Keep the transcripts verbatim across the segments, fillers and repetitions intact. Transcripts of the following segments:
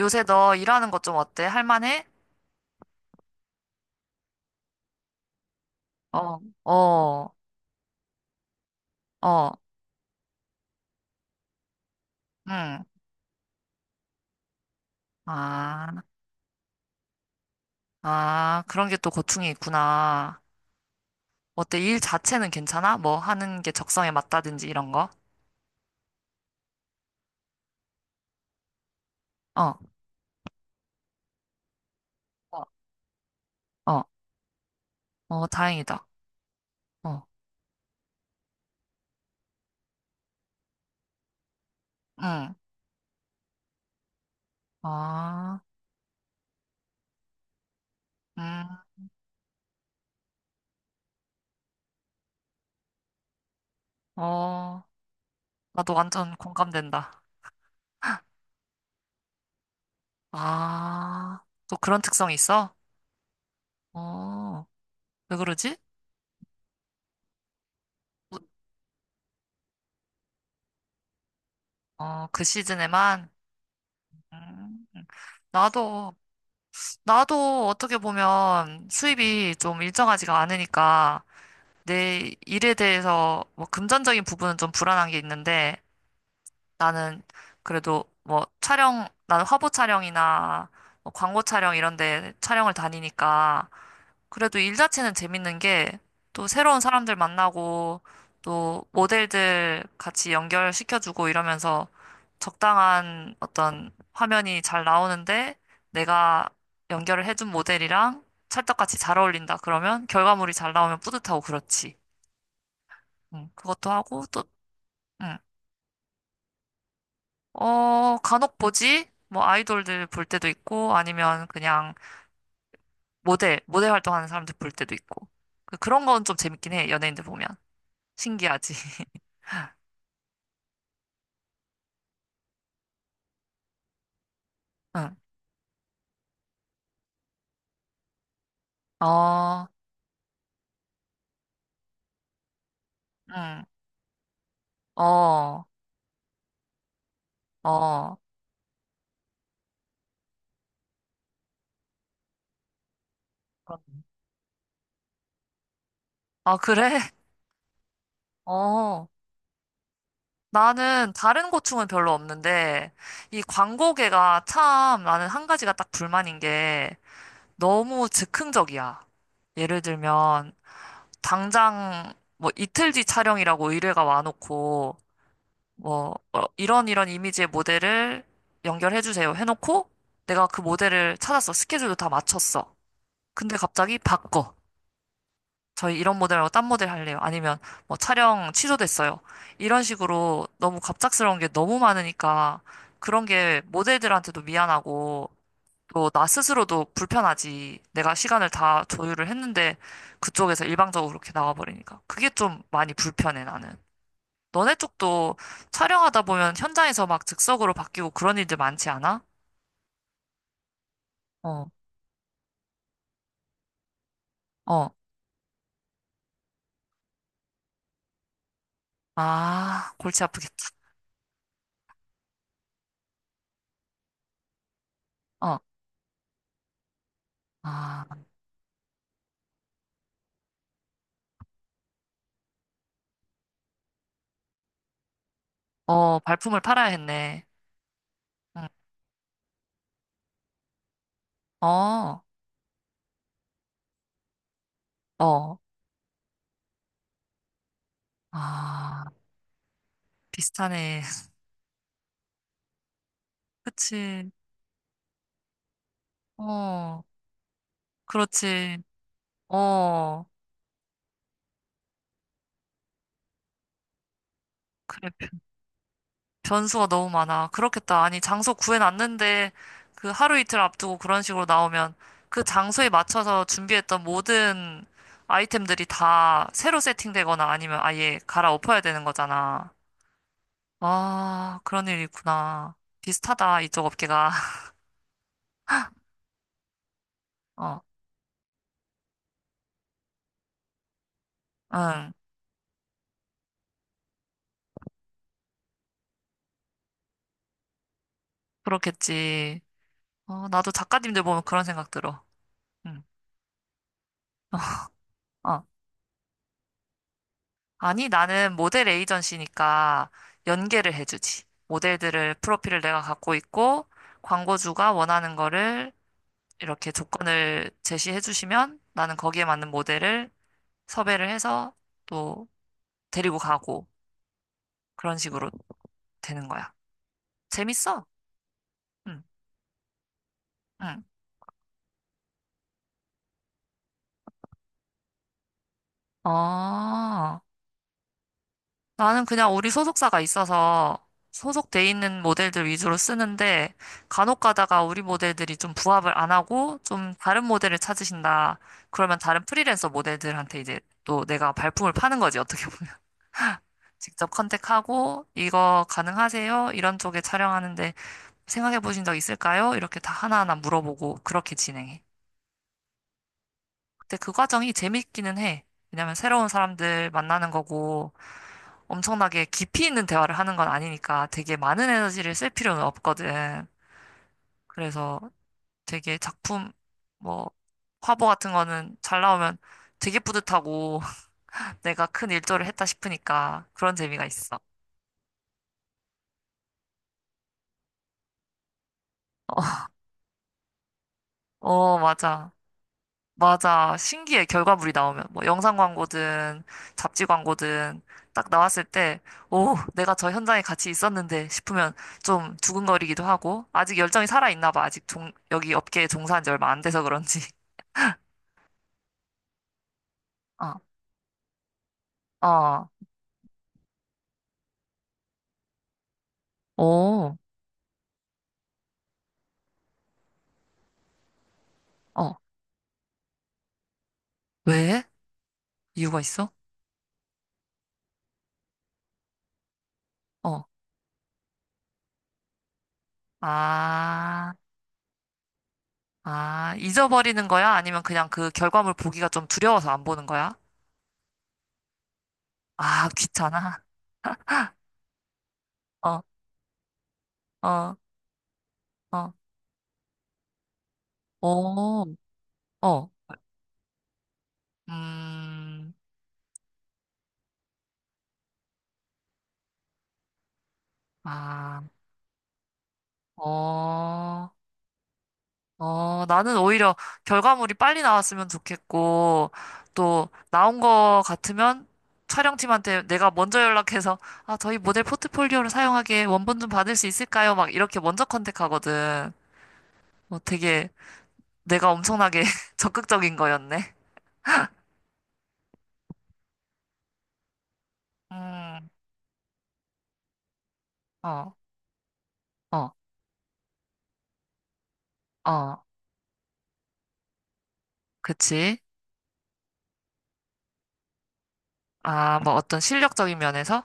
요새 너 일하는 것 좀 어때? 할만해? 어, 어, 어, 응. 아, 아, 그런 게 또 고충이 있구나. 어때? 일 자체는 괜찮아? 뭐 하는 게 적성에 맞다든지 이런 거? 어, 어, 어, 어, 다행이다. 어, 응. 아, 음, 어, 나도 완전 공감된다. 아, 또 그런 특성이 있어? 어, 왜 그러지? 어, 그 시즌에만? 음, 음. 나도. 나도 어떻게 보면 수입이 좀 일정하지가 않으니까 내 일에 대해서 뭐 금전적인 부분은 좀 불안한 게 있는데 나는 그래도 뭐 촬영, 나는 화보 촬영이나 뭐 광고 촬영 이런 데 촬영을 다니니까 그래도 일 자체는 재밌는 게 또 새로운 사람들 만나고 또 모델들 같이 연결시켜주고 이러면서 적당한 어떤 화면이 잘 나오는데 내가 연결을 해준 모델이랑 찰떡같이 잘 어울린다. 그러면 결과물이 잘 나오면 뿌듯하고 그렇지. 음, 그것도 하고 또, 음, 어, 간혹 보지? 뭐 아이돌들 볼 때도 있고 아니면 그냥 모델, 모델 활동하는 사람들 볼 때도 있고. 그- 그런 건 좀 재밌긴 해. 연예인들 보면. 신기하지. 응. 어, 응. 어, 어. 그 아, 그래? 어. 나는 다른 고충은 별로 없는데, 이 광고계가 참 나는 한 가지가 딱 불만인 게 너무 즉흥적이야. 예를 들면, 당장 뭐 이틀 뒤 촬영이라고 의뢰가 와놓고, 뭐, 어, 이런 이런 이미지의 모델을 연결해주세요 해놓고, 내가 그 모델을 찾았어. 스케줄도 다 맞췄어. 근데 갑자기 바꿔. 저희 이런 모델 말고 딴 모델 할래요. 아니면 뭐 촬영 취소됐어요. 이런 식으로 너무 갑작스러운 게 너무 많으니까 그런 게 모델들한테도 미안하고 또 나 스스로도 불편하지. 내가 시간을 다 조율을 했는데 그쪽에서 일방적으로 그렇게 나와버리니까. 그게 좀 많이 불편해, 나는. 너네 쪽도 촬영하다 보면 현장에서 막 즉석으로 바뀌고 그런 일들 많지 않아? 어, 어. 아, 골치 아프겠다. 어, 아, 어, 발품을 팔아야 했네. 응. 어. 어. 아, 비슷하네. 그치. 어, 그렇지. 어, 그래. 변- 변수가 너무 많아. 그렇겠다. 아니, 장소 구해놨는데 그 하루 이틀 앞두고 그런 식으로 나오면 그 장소에 맞춰서 준비했던 모든 아이템들이 다 새로 세팅되거나 아니면 아예 갈아엎어야 되는 거잖아. 아, 그런 일이 있구나. 비슷하다, 이쪽 업계가. 어, 응, 그렇겠지. 어, 나도 작가님들 보면 그런 생각 들어. 응. 아니, 나는 모델 에이전시니까 연계를 해주지. 모델들을, 프로필을 내가 갖고 있고, 광고주가 원하는 거를 이렇게 조건을 제시해 주시면 나는 거기에 맞는 모델을 섭외를 해서 또 데리고 가고, 그런 식으로 되는 거야. 재밌어? 응, 응. 어, 나는 그냥 우리 소속사가 있어서 소속돼 있는 모델들 위주로 쓰는데 간혹 가다가 우리 모델들이 좀 부합을 안 하고 좀 다른 모델을 찾으신다. 그러면 다른 프리랜서 모델들한테 이제 또 내가 발품을 파는 거지, 어떻게 보면. 직접 컨택하고 이거 가능하세요? 이런 쪽에 촬영하는데 생각해 보신 적 있을까요? 이렇게 다 하나하나 물어보고 그렇게 진행해. 근데 그 과정이 재밌기는 해. 왜냐면 새로운 사람들 만나는 거고 엄청나게 깊이 있는 대화를 하는 건 아니니까 되게 많은 에너지를 쓸 필요는 없거든. 그래서 되게 작품, 뭐, 화보 같은 거는 잘 나오면 되게 뿌듯하고 내가 큰 일조를 했다 싶으니까 그런 재미가 있어. 어, 어, 맞아. 맞아. 신기해. 결과물이 나오면. 뭐 영상 광고든 잡지 광고든 딱 나왔을 때, 오, 내가 저 현장에 같이 있었는데 싶으면 좀 두근거리기도 하고, 아직 열정이 살아있나 봐. 아직 종, 여기 업계에 종사한 지 얼마 안 돼서 그런지. 어, 어, 오, 어, 왜? 이유가 있어? 어, 아, 아, 잊어버리는 거야? 아니면 그냥 그 결과물 보기가 좀 두려워서 안 보는 거야? 아, 귀찮아. 어, 어, 어, 오, 어. 음, 아, 어, 어, 나는 오히려 결과물이 빨리 나왔으면 좋겠고, 또, 나온 거 같으면 촬영팀한테 내가 먼저 연락해서, 아, 저희 모델 포트폴리오를 사용하기에 원본 좀 받을 수 있을까요? 막 이렇게 먼저 컨택하거든. 뭐 되게 내가 엄청나게 적극적인 거였네. 음, 어, 어, 어, 그치. 아, 뭐 어떤 실력적인 면에서?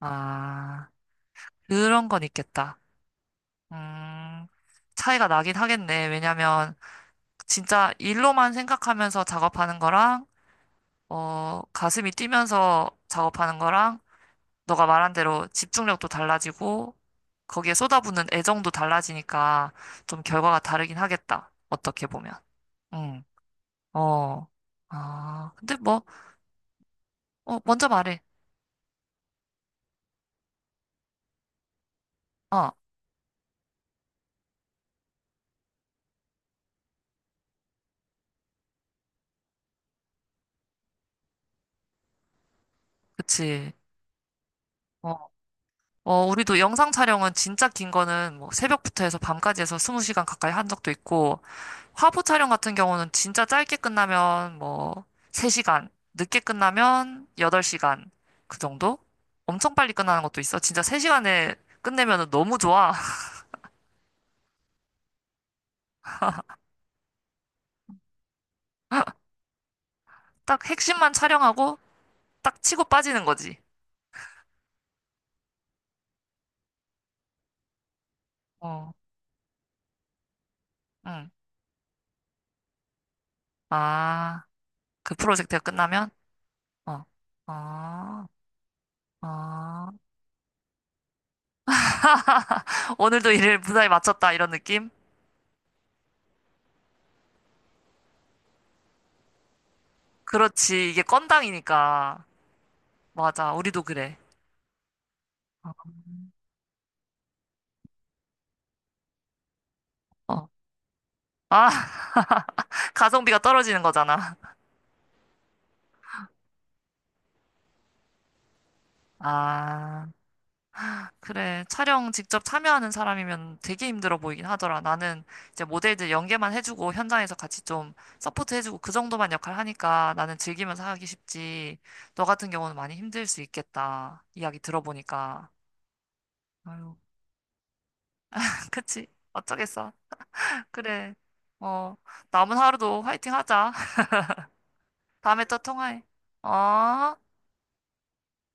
아, 그런 건 있겠다. 음, 차이가 나긴 하겠네. 왜냐면 진짜 일로만 생각하면서 작업하는 거랑, 어, 가슴이 뛰면서 작업하는 거랑, 너가 말한 대로 집중력도 달라지고, 거기에 쏟아붓는 애정도 달라지니까 좀 결과가 다르긴 하겠다. 어떻게 보면. 응, 어, 아, 근데 뭐, 어, 먼저 말해. 어, 그치. 어, 어, 우리도 영상 촬영은 진짜 긴 거는 뭐 새벽부터 해서 밤까지 해서 이십 시간 가까이 한 적도 있고, 화보 촬영 같은 경우는 진짜 짧게 끝나면 뭐 세 시간, 늦게 끝나면 여덟 시간 그 정도? 엄청 빨리 끝나는 것도 있어. 진짜 세 시간에 끝내면 너무 좋아. 딱 핵심만 촬영하고 딱 치고 빠지는 거지. 어, 응. 아, 그 프로젝트가 끝나면? 어, 아, 아. 오늘도 일을 무사히 마쳤다, 이런 느낌? 그렇지. 이게 건당이니까. 맞아. 우리도 그래. 어, 어. 아, 가성비가 떨어지는 거잖아. 아, 그래. 촬영 직접 참여하는 사람이면 되게 힘들어 보이긴 하더라. 나는 이제 모델들 연계만 해주고 현장에서 같이 좀 서포트 해주고 그 정도만 역할 하니까 나는 즐기면서 하기 쉽지. 너 같은 경우는 많이 힘들 수 있겠다. 이야기 들어보니까. 아유, 그치. 어쩌겠어. 그래. 어, 남은 하루도 화이팅 하자. 다음에 또 통화해. 어?